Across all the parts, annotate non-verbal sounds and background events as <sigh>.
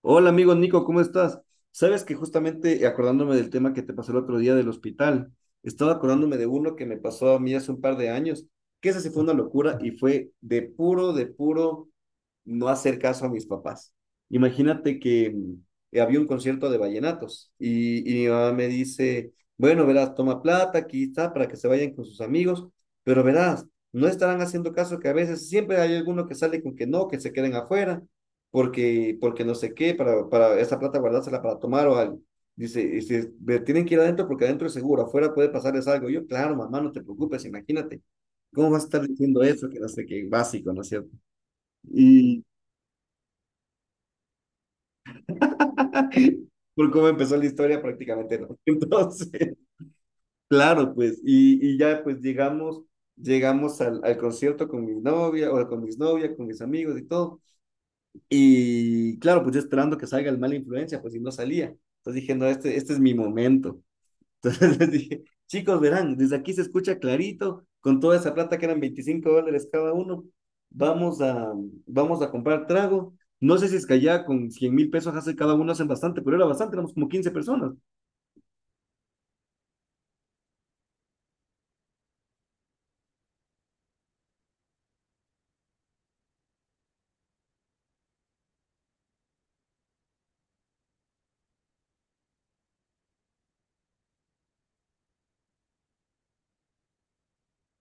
Hola amigo Nico, ¿cómo estás? Sabes que justamente acordándome del tema que te pasó el otro día del hospital, estaba acordándome de uno que me pasó a mí hace un par de años, que esa sí fue una locura y fue de puro no hacer caso a mis papás. Imagínate que había un concierto de vallenatos y mi mamá me dice, bueno, verás, toma plata, aquí está, para que se vayan con sus amigos, pero verás, no estarán haciendo caso que a veces siempre hay alguno que sale con que no, que se queden afuera porque no sé qué, para esa plata guardársela para tomar o algo. Dice, "Ve, tienen que ir adentro porque adentro es seguro, afuera puede pasarles algo". Yo, claro, mamá, no te preocupes, imagínate. ¿Cómo vas a estar diciendo eso? Que no sé qué, básico, ¿no es cierto? Y <laughs> por cómo empezó la historia, prácticamente no. <laughs> Entonces, claro, pues, ya pues llegamos, llegamos al concierto con mi novia, o con mis novias, con mis amigos y todo. Y claro, pues yo esperando que salga el mala influencia, pues si no salía. Entonces dije, no, este es mi momento. <laughs> Entonces les dije, chicos, verán, desde aquí se escucha clarito, con toda esa plata que eran $25 cada uno, vamos a, vamos a comprar trago. No sé si es que allá con 100.000 pesos hace cada uno hacen bastante, pero era bastante, éramos como 15 personas.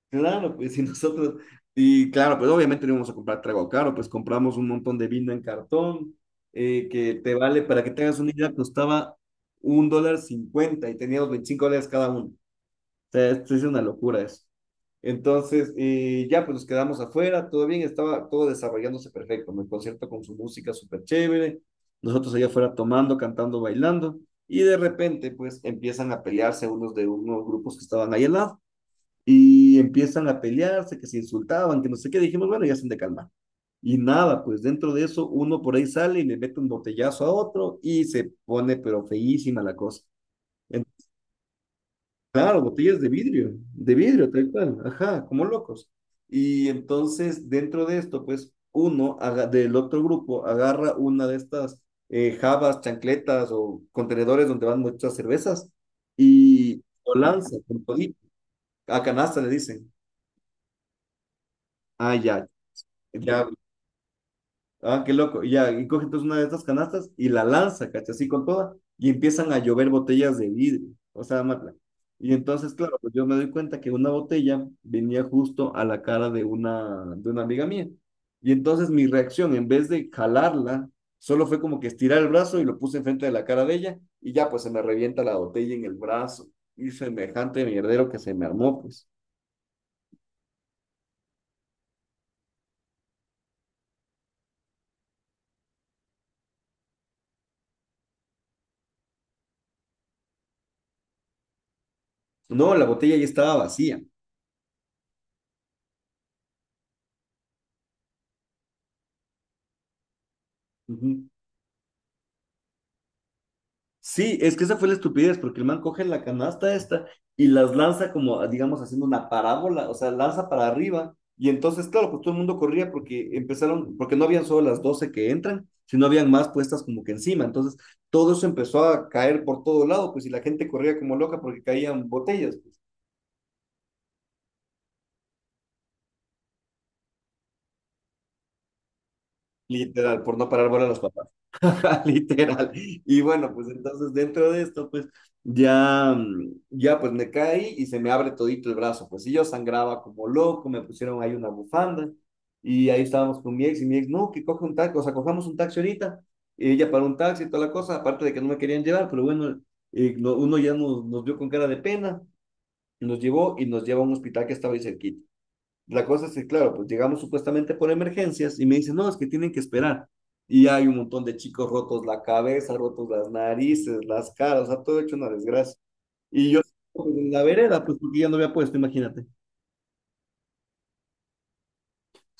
Claro, pues y nosotros, y claro, pues obviamente no íbamos a comprar trago caro, pues compramos un montón de vino en cartón, que te vale, para que tengas una idea, costaba $1,50 y teníamos $25 cada uno. O sea, esto es una locura eso. Entonces, ya pues nos quedamos afuera, todo bien, estaba todo desarrollándose perfecto, ¿no? El concierto con su música súper chévere, nosotros allá afuera tomando, cantando, bailando, y de repente pues empiezan a pelearse unos de unos grupos que estaban ahí al lado. Y empiezan a pelearse, que se insultaban, que no sé qué. Dijimos, bueno, ya se han de calmar. Y nada, pues dentro de eso uno por ahí sale y le mete un botellazo a otro y se pone pero feísima la cosa. En- claro, botellas de vidrio, tal cual, ajá, como locos. Y entonces dentro de esto, pues del otro grupo agarra una de estas jabas, chancletas o contenedores donde van muchas cervezas y lo lanza con todito. A canasta le dicen. Ah, ya. Ya, ah, qué loco. Ya, y coge entonces una de estas canastas y la lanza, ¿cachai? Así con toda. Y empiezan a llover botellas de vidrio, o sea, Matla. Y entonces, claro, pues yo me doy cuenta que una botella venía justo a la cara de de una amiga mía. Y entonces mi reacción, en vez de jalarla, solo fue como que estirar el brazo y lo puse enfrente de la cara de ella. Y ya, pues se me revienta la botella en el brazo. Y semejante mierdero que se me armó, pues. No, la botella ya estaba vacía. Ujú. Sí, es que esa fue la estupidez, porque el man coge la canasta esta y las lanza como, digamos, haciendo una parábola, o sea, lanza para arriba. Y entonces, claro, pues todo el mundo corría porque empezaron, porque no habían solo las 12 que entran, sino habían más puestas como que encima. Entonces, todo eso empezó a caer por todo lado, pues, y la gente corría como loca porque caían botellas, pues, literal, por no parar bola a los papás. <laughs> Literal. Y bueno, pues entonces dentro de esto, pues ya, ya pues me caí y se me abre todito el brazo. Pues y yo sangraba como loco, me pusieron ahí una bufanda y ahí estábamos con mi ex y mi ex, no, que coja un taxi, o sea, cojamos un taxi ahorita. Y ella para un taxi y toda la cosa, aparte de que no me querían llevar, pero bueno, uno ya nos, nos vio con cara de pena, nos llevó y nos llevó a un hospital que estaba ahí cerquita. La cosa es que, claro, pues llegamos supuestamente por emergencias y me dicen, no, es que tienen que esperar. Y hay un montón de chicos rotos la cabeza, rotos las narices, las caras, o sea, todo hecho una desgracia. Y yo pues, en la vereda, pues porque ya no había puesto, imagínate.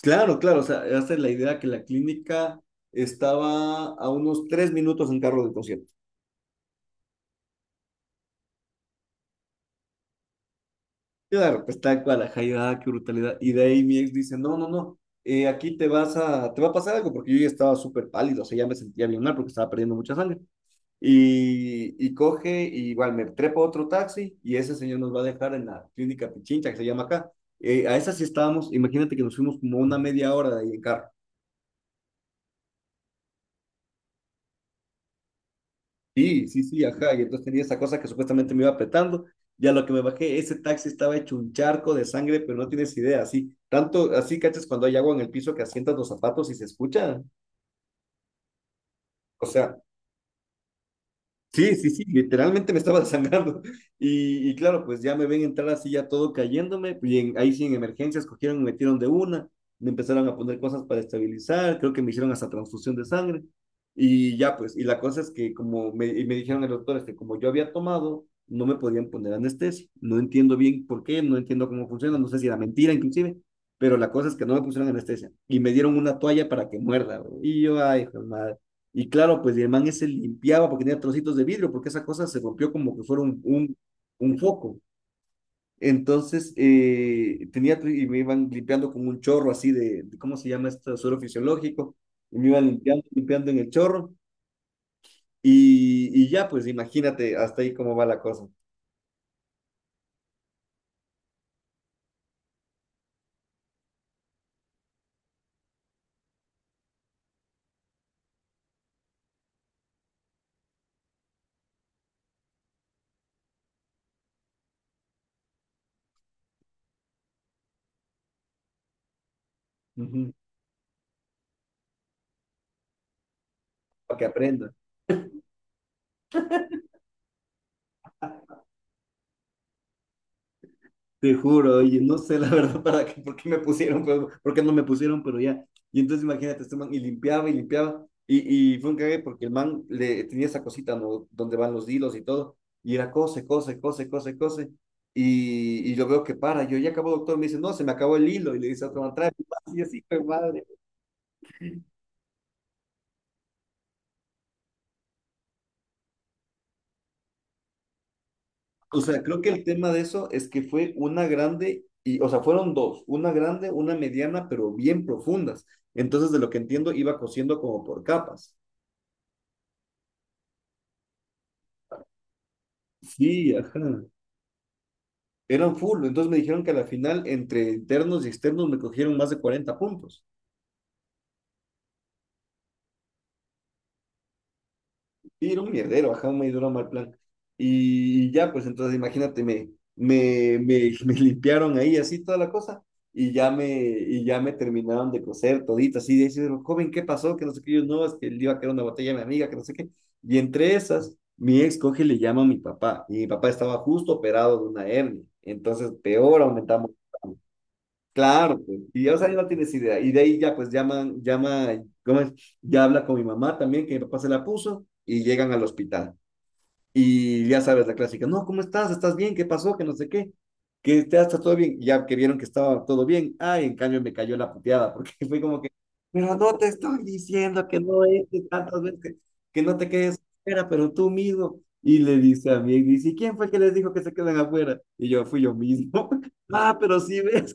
Claro, claro, o sea, esa es la idea que la clínica estaba a unos 3 minutos en carro del concierto. Claro, pues tal cual, ajá, y, ah, qué brutalidad. Y de ahí mi ex dice, no, no, no, aquí te vas a, te va a pasar algo, porque yo ya estaba súper pálido, o sea, ya me sentía bien mal porque estaba perdiendo mucha sangre. Y coge, y igual me trepa otro taxi y ese señor nos va a dejar en la clínica Pichincha, que se llama acá. A esa sí estábamos, imagínate que nos fuimos como una media hora de ahí en carro. Sí, sí, sí, ajá. Y entonces tenía esa cosa que supuestamente me iba apretando. Ya lo que me bajé, ese taxi estaba hecho un charco de sangre, pero no tienes idea, así. Tanto, así, cachas, cuando hay agua en el piso que asientas los zapatos y se escucha. O sea, sí, sí, sí, literalmente me estaba <laughs> sangrando. Y claro, pues ya me ven entrar así ya todo cayéndome. Ahí sí en emergencias cogieron y me metieron de una. Me empezaron a poner cosas para estabilizar. Creo que me hicieron hasta transfusión de sangre. Y ya pues, y la cosa es que como me dijeron el doctor, es que como yo había tomado, no me podían poner anestesia. No entiendo bien por qué, no entiendo cómo funciona, no sé si era mentira inclusive. Pero la cosa es que no me pusieron anestesia. Y me dieron una toalla para que muerda. Güey. Y yo, ay, hijo de madre. Y claro, pues y el man ese limpiaba porque tenía trocitos de vidrio, porque esa cosa se rompió como que fuera un foco. Entonces, y me iban limpiando con un chorro así ¿cómo se llama esto? Suelo fisiológico. Y me iban limpiando, limpiando en el chorro. Y ya, pues imagínate hasta ahí cómo va la cosa. Ujú. Para que aprendas. Te juro, oye, no sé la <laughs> verdad para qué, por qué me pusieron, pero, por qué no me pusieron, pero ya. Y entonces imagínate, este man, y limpiaba y limpiaba, y fue un cague porque el man le tenía esa cosita, ¿no? Donde van los hilos y todo, y era cose, cose, cose, cose, cose, y yo veo que para, yo ya acabó, doctor, me dice, no, se me acabó el hilo, y le dice a otro man, trae, más", y así, pues madre. O sea, creo que el tema de eso es que fue una grande, y, o sea, fueron dos, una grande, una mediana, pero bien profundas. Entonces, de lo que entiendo, iba cosiendo como por capas. Sí, ajá. Eran full. Entonces me dijeron que a la final, entre internos y externos, me cogieron más de 40 puntos. Y era un mierdero, ajá, me duró mal plan. Y ya, pues entonces imagínate, <laughs> me limpiaron ahí así toda la cosa. Y ya me terminaron de coser todita, así de decir, joven, ¿qué pasó? Que no sé qué, yo no, es que le iba a quedar una botella a mi amiga, que no sé qué. Y entre esas, mi ex coge y le llama a mi papá. Y mi papá estaba justo operado de una hernia. Entonces, peor aumentamos. Claro, pues, y ya, o sea, ya no tienes idea. Y de ahí ya, pues llama, ¿cómo es? Ya habla con mi mamá también, que mi papá se la puso, y llegan al hospital. Y ya sabes la clásica, no, ¿cómo estás? ¿Estás bien? ¿Qué pasó? Que no sé qué. Que te está todo bien. Y ya que vieron que estaba todo bien. Ay, en cambio me cayó la puteada, porque <laughs> fue como que, pero no te estoy diciendo que no es que tantas veces que no te quedes afuera, pero tú mismo. Y le dice a mí, y dice, ¿quién fue el que les dijo que se quedan afuera? Y yo, fui yo mismo. <laughs> Ah, pero sí ves.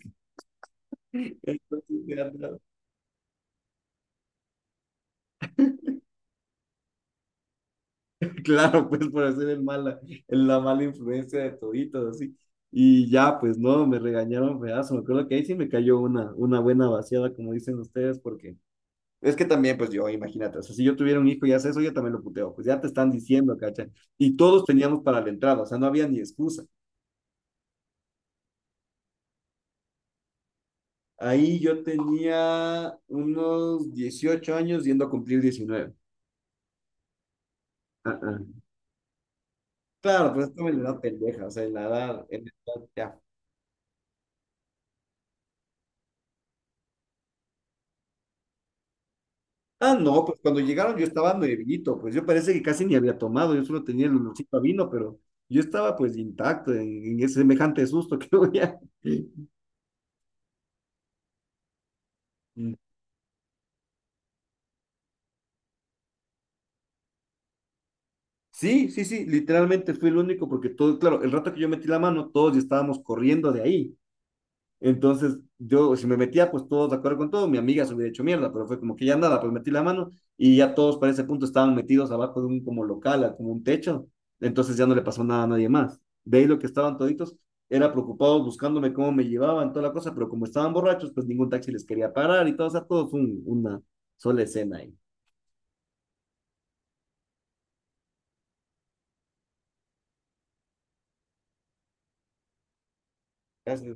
<laughs> Entonces, ya andaba- <laughs> claro, pues por hacer el mala, la mala influencia de toditos, así. Y ya, pues no, me regañaron pedazo. Me acuerdo que ahí sí me cayó una buena vaciada, como dicen ustedes, porque es que también, pues yo, imagínate, o sea, si yo tuviera un hijo y hace eso, yo también lo puteo, pues ya te están diciendo, cacha. Y todos teníamos para la entrada, o sea, no había ni excusa. Ahí yo tenía unos 18 años yendo a cumplir 19. Ah, ah. Claro, pues estaba en la edad pendeja, o sea, en la edad ya. Ah, no, pues cuando llegaron yo estaba nuevito, pues yo parece que casi ni había tomado, yo solo tenía el olorcito a vino, pero yo estaba pues intacto en ese semejante susto que <laughs> había. Mm. Sí, sí, sí, literalmente fui el único porque todo, claro, el rato que yo metí la mano, todos ya estábamos corriendo de ahí. Entonces, yo, si me metía, pues todos de acuerdo con todo, mi amiga se hubiera hecho mierda, pero fue como que ya nada, pues metí la mano y ya todos para ese punto estaban metidos abajo de un como local, como un techo, entonces ya no le pasó nada a nadie más. De ahí lo que estaban toditos, era preocupados buscándome cómo me llevaban, toda la cosa, pero como estaban borrachos, pues ningún taxi les quería parar y todo, o sea, todo fue una sola escena ahí. Gracias.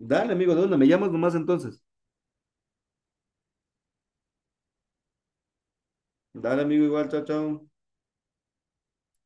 Dale, amigo, de una, me llamas nomás entonces. Dale, amigo, igual, chao, chao.